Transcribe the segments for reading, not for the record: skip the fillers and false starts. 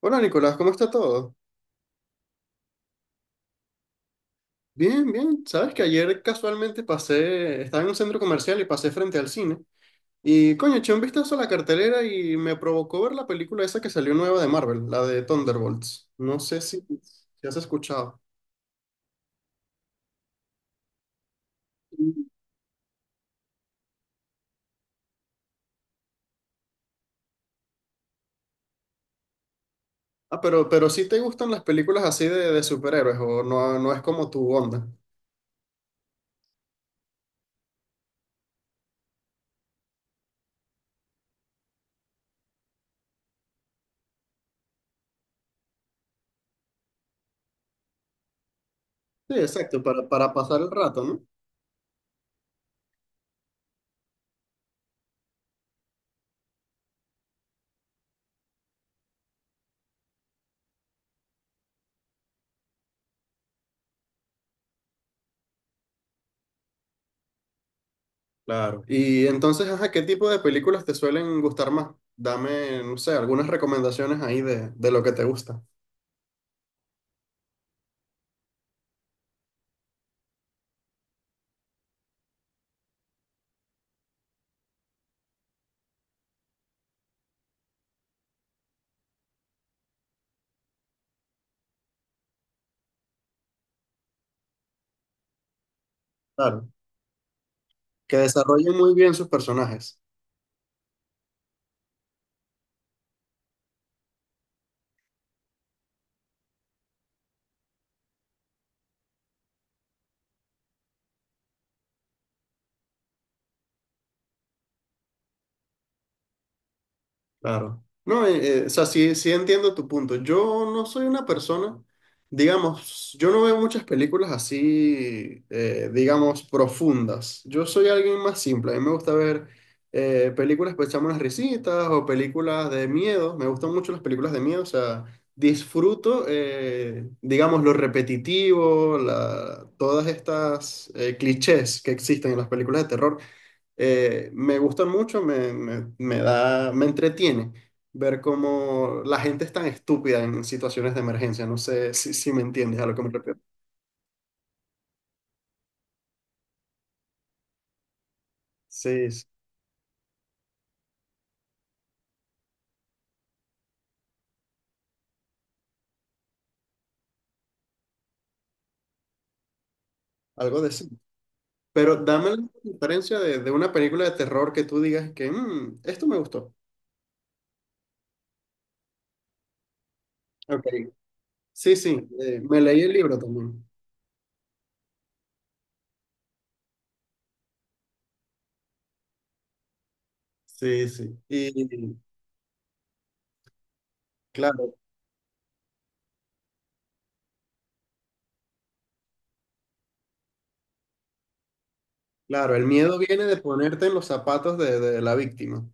Hola Nicolás, ¿cómo está todo? Bien, bien. Sabes que ayer casualmente pasé, estaba en un centro comercial y pasé frente al cine. Y coño, eché un vistazo a la cartelera y me provocó ver la película esa que salió nueva de Marvel, la de Thunderbolts. No sé si, si has escuchado. Ah, pero sí te gustan las películas así de superhéroes o no es como tu onda. Sí, exacto, para pasar el rato, ¿no? Claro. Y entonces, ajá, ¿qué tipo de películas te suelen gustar más? Dame, no sé, algunas recomendaciones ahí de lo que te gusta. Claro, que desarrollen muy bien sus personajes. Claro. No, o sea, sí, sí entiendo tu punto. Yo no soy una persona, digamos, yo no veo muchas películas así, digamos, profundas. Yo soy alguien más simple. A mí me gusta ver películas para echarme unas risitas o películas de miedo. Me gustan mucho las películas de miedo. O sea, disfruto, digamos, lo repetitivo, todas estas clichés que existen en las películas de terror. Me gusta mucho, me entretiene ver cómo la gente es tan estúpida en situaciones de emergencia. No sé si, me entiendes a lo que me refiero. Sí, sí, algo de sí. Pero dame la diferencia de una película de terror que tú digas que "Mm, esto me gustó". Ok. Sí, sí, me leí el libro también. Sí, sí. Y claro, claro, el miedo viene de ponerte en los zapatos de la víctima.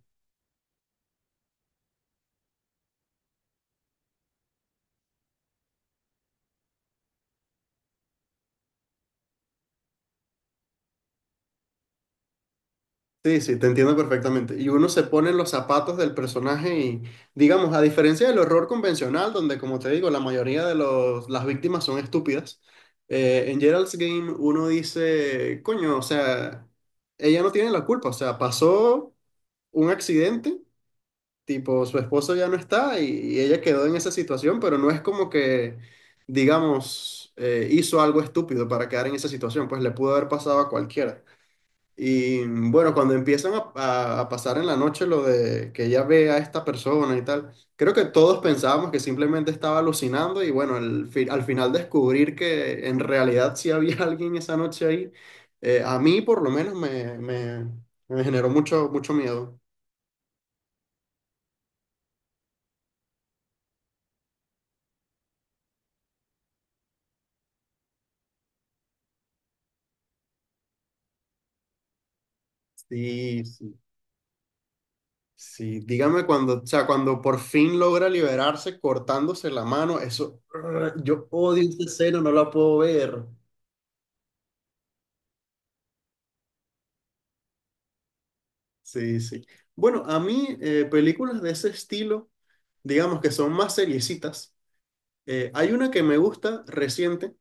Sí, sí, te entiendo perfectamente. Y uno se pone en los zapatos del personaje y, digamos, a diferencia del horror convencional, donde, como te digo, la mayoría de las víctimas son estúpidas, en Gerald's Game uno dice, coño, o sea, ella no tiene la culpa, o sea, pasó un accidente, tipo, su esposo ya no está y ella quedó en esa situación, pero no es como que, digamos, hizo algo estúpido para quedar en esa situación, pues le pudo haber pasado a cualquiera. Y bueno, cuando empiezan a pasar en la noche lo de que ella ve a esta persona y tal, creo que todos pensábamos que simplemente estaba alucinando y bueno, al final descubrir que en realidad sí había alguien esa noche ahí, a mí por lo menos me generó mucho, mucho miedo. Sí, sí, sí, dígame cuando, o sea, cuando por fin logra liberarse cortándose la mano, eso, yo odio esa escena, no la puedo ver. Sí, sí. Bueno, a mí películas de ese estilo, digamos que son más seriecitas. Hay una que me gusta reciente,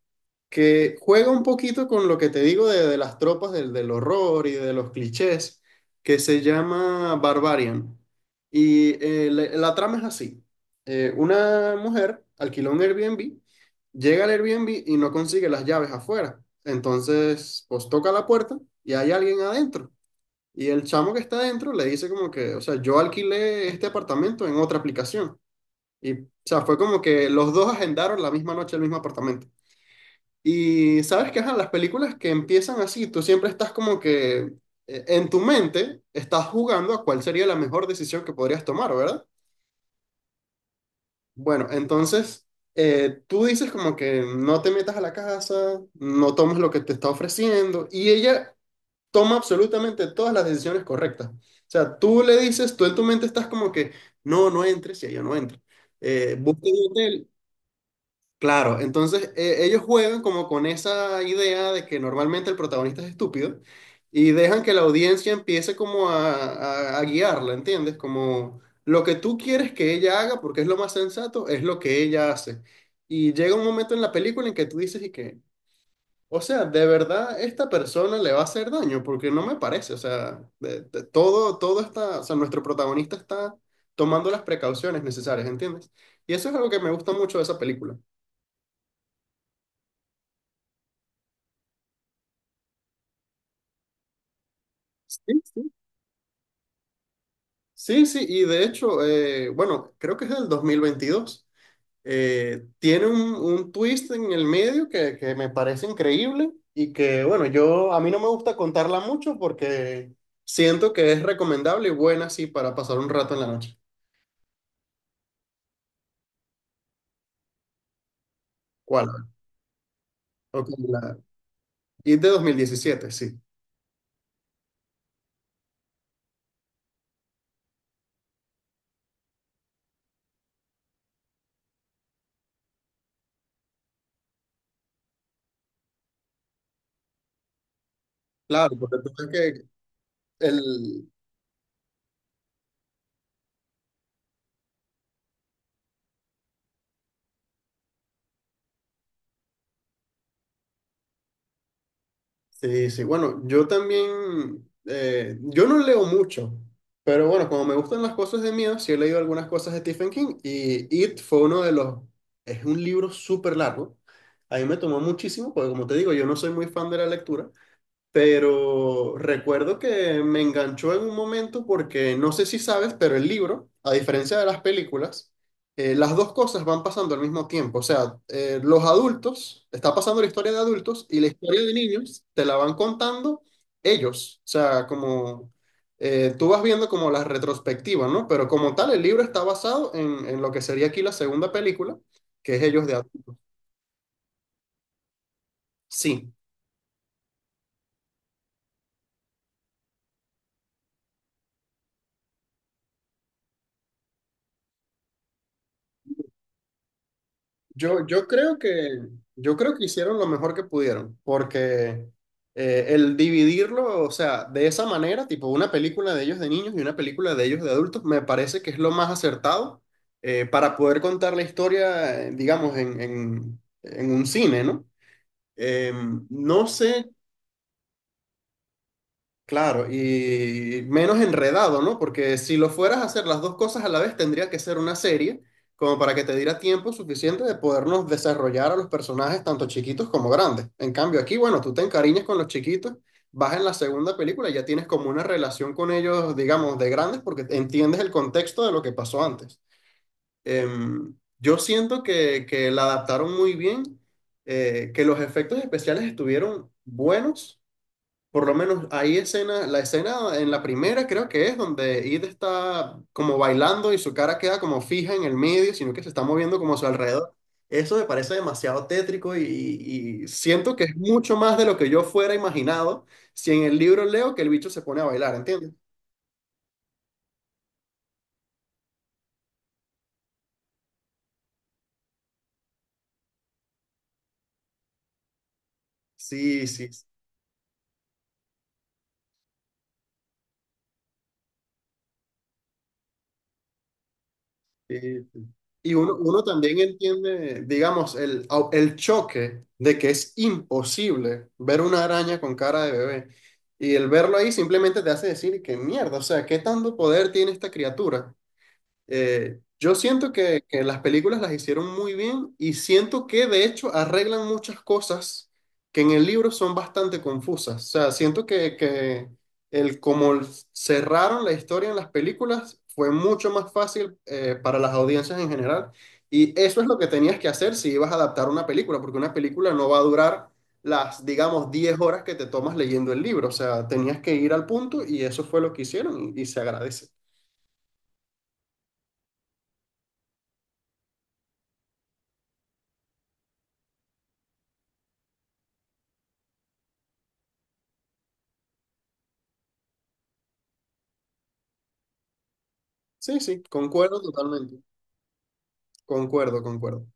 que juega un poquito con lo que te digo de las tropas del horror y de los clichés, que se llama Barbarian. Y la, la trama es así. Una mujer alquiló un Airbnb, llega al Airbnb y no consigue las llaves afuera. Entonces, pues toca la puerta y hay alguien adentro. Y el chamo que está adentro le dice como que, o sea, yo alquilé este apartamento en otra aplicación. Y, o sea, fue como que los dos agendaron la misma noche el mismo apartamento. Y sabes que, ajá, las películas que empiezan así, tú siempre estás como que en tu mente estás jugando a cuál sería la mejor decisión que podrías tomar, ¿verdad? Bueno, entonces tú dices como que no te metas a la casa, no tomes lo que te está ofreciendo. Y ella toma absolutamente todas las decisiones correctas. O sea, tú le dices, tú en tu mente estás como que, no, no entres y ella no entra. Busca un hotel. Claro, entonces ellos juegan como con esa idea de que normalmente el protagonista es estúpido y dejan que la audiencia empiece como a guiarla, ¿entiendes? Como lo que tú quieres que ella haga, porque es lo más sensato, es lo que ella hace. Y llega un momento en la película en que tú dices y que, o sea, de verdad esta persona le va a hacer daño, porque no me parece, o sea, todo, está, o sea, nuestro protagonista está tomando las precauciones necesarias, ¿entiendes? Y eso es algo que me gusta mucho de esa película. Sí, sí. Sí, sí, y de hecho, bueno, creo que es del 2022. Tiene un twist en el medio que me parece increíble y que, bueno, yo a mí no me gusta contarla mucho porque siento que es recomendable y buena, sí, para pasar un rato en la noche. ¿Cuál? Ok, y de 2017 sí. Claro, porque tú ves que el... Sí, sí. Bueno, yo también... yo no leo mucho, pero bueno, como me gustan las cosas de miedo, sí he leído algunas cosas de Stephen King y It fue uno de los... Es un libro súper largo. A mí me tomó muchísimo, porque como te digo, yo no soy muy fan de la lectura, pero recuerdo que me enganchó en un momento porque no sé si sabes, pero el libro, a diferencia de las películas, las dos cosas van pasando al mismo tiempo. O sea, los adultos, está pasando la historia de adultos y la historia de niños te la van contando ellos. O sea, como tú vas viendo como las retrospectivas, ¿no? Pero como tal, el libro está basado en lo que sería aquí la segunda película, que es ellos de adultos. Sí. Yo, yo creo que, yo creo que hicieron lo mejor que pudieron, porque el dividirlo, o sea, de esa manera, tipo una película de ellos de niños y una película de ellos de adultos, me parece que es lo más acertado para poder contar la historia, digamos, en un cine, ¿no? Eh, no sé. Claro, y menos enredado, ¿no? Porque si lo fueras a hacer las dos cosas a la vez, tendría que ser una serie, como para que te diera tiempo suficiente de podernos desarrollar a los personajes, tanto chiquitos como grandes. En cambio, aquí, bueno, tú te encariñas con los chiquitos, vas en la segunda película y ya tienes como una relación con ellos, digamos, de grandes, porque entiendes el contexto de lo que pasó antes. Yo siento que la adaptaron muy bien, que los efectos especiales estuvieron buenos por lo menos hay escena, la escena en la primera creo que es donde Id está como bailando y su cara queda como fija en el medio, sino que se está moviendo como a su alrededor. Eso me parece demasiado tétrico y siento que es mucho más de lo que yo fuera imaginado si en el libro leo que el bicho se pone a bailar, ¿entiendes? Sí, sí. Sí, sí. Y uno también entiende, digamos, el choque de que es imposible ver una araña con cara de bebé. Y el verlo ahí simplemente te hace decir que mierda, o sea, ¿qué tanto poder tiene esta criatura? Yo siento que las películas las hicieron muy bien y siento que de hecho arreglan muchas cosas que en el libro son bastante confusas. O sea, siento que el cómo cerraron la historia en las películas fue mucho más fácil para las audiencias en general. Y eso es lo que tenías que hacer si ibas a adaptar una película, porque una película no va a durar las, digamos, 10 horas que te tomas leyendo el libro. O sea, tenías que ir al punto y eso fue lo que hicieron y se agradece. Sí, sí, concuerdo totalmente. Concuerdo, concuerdo.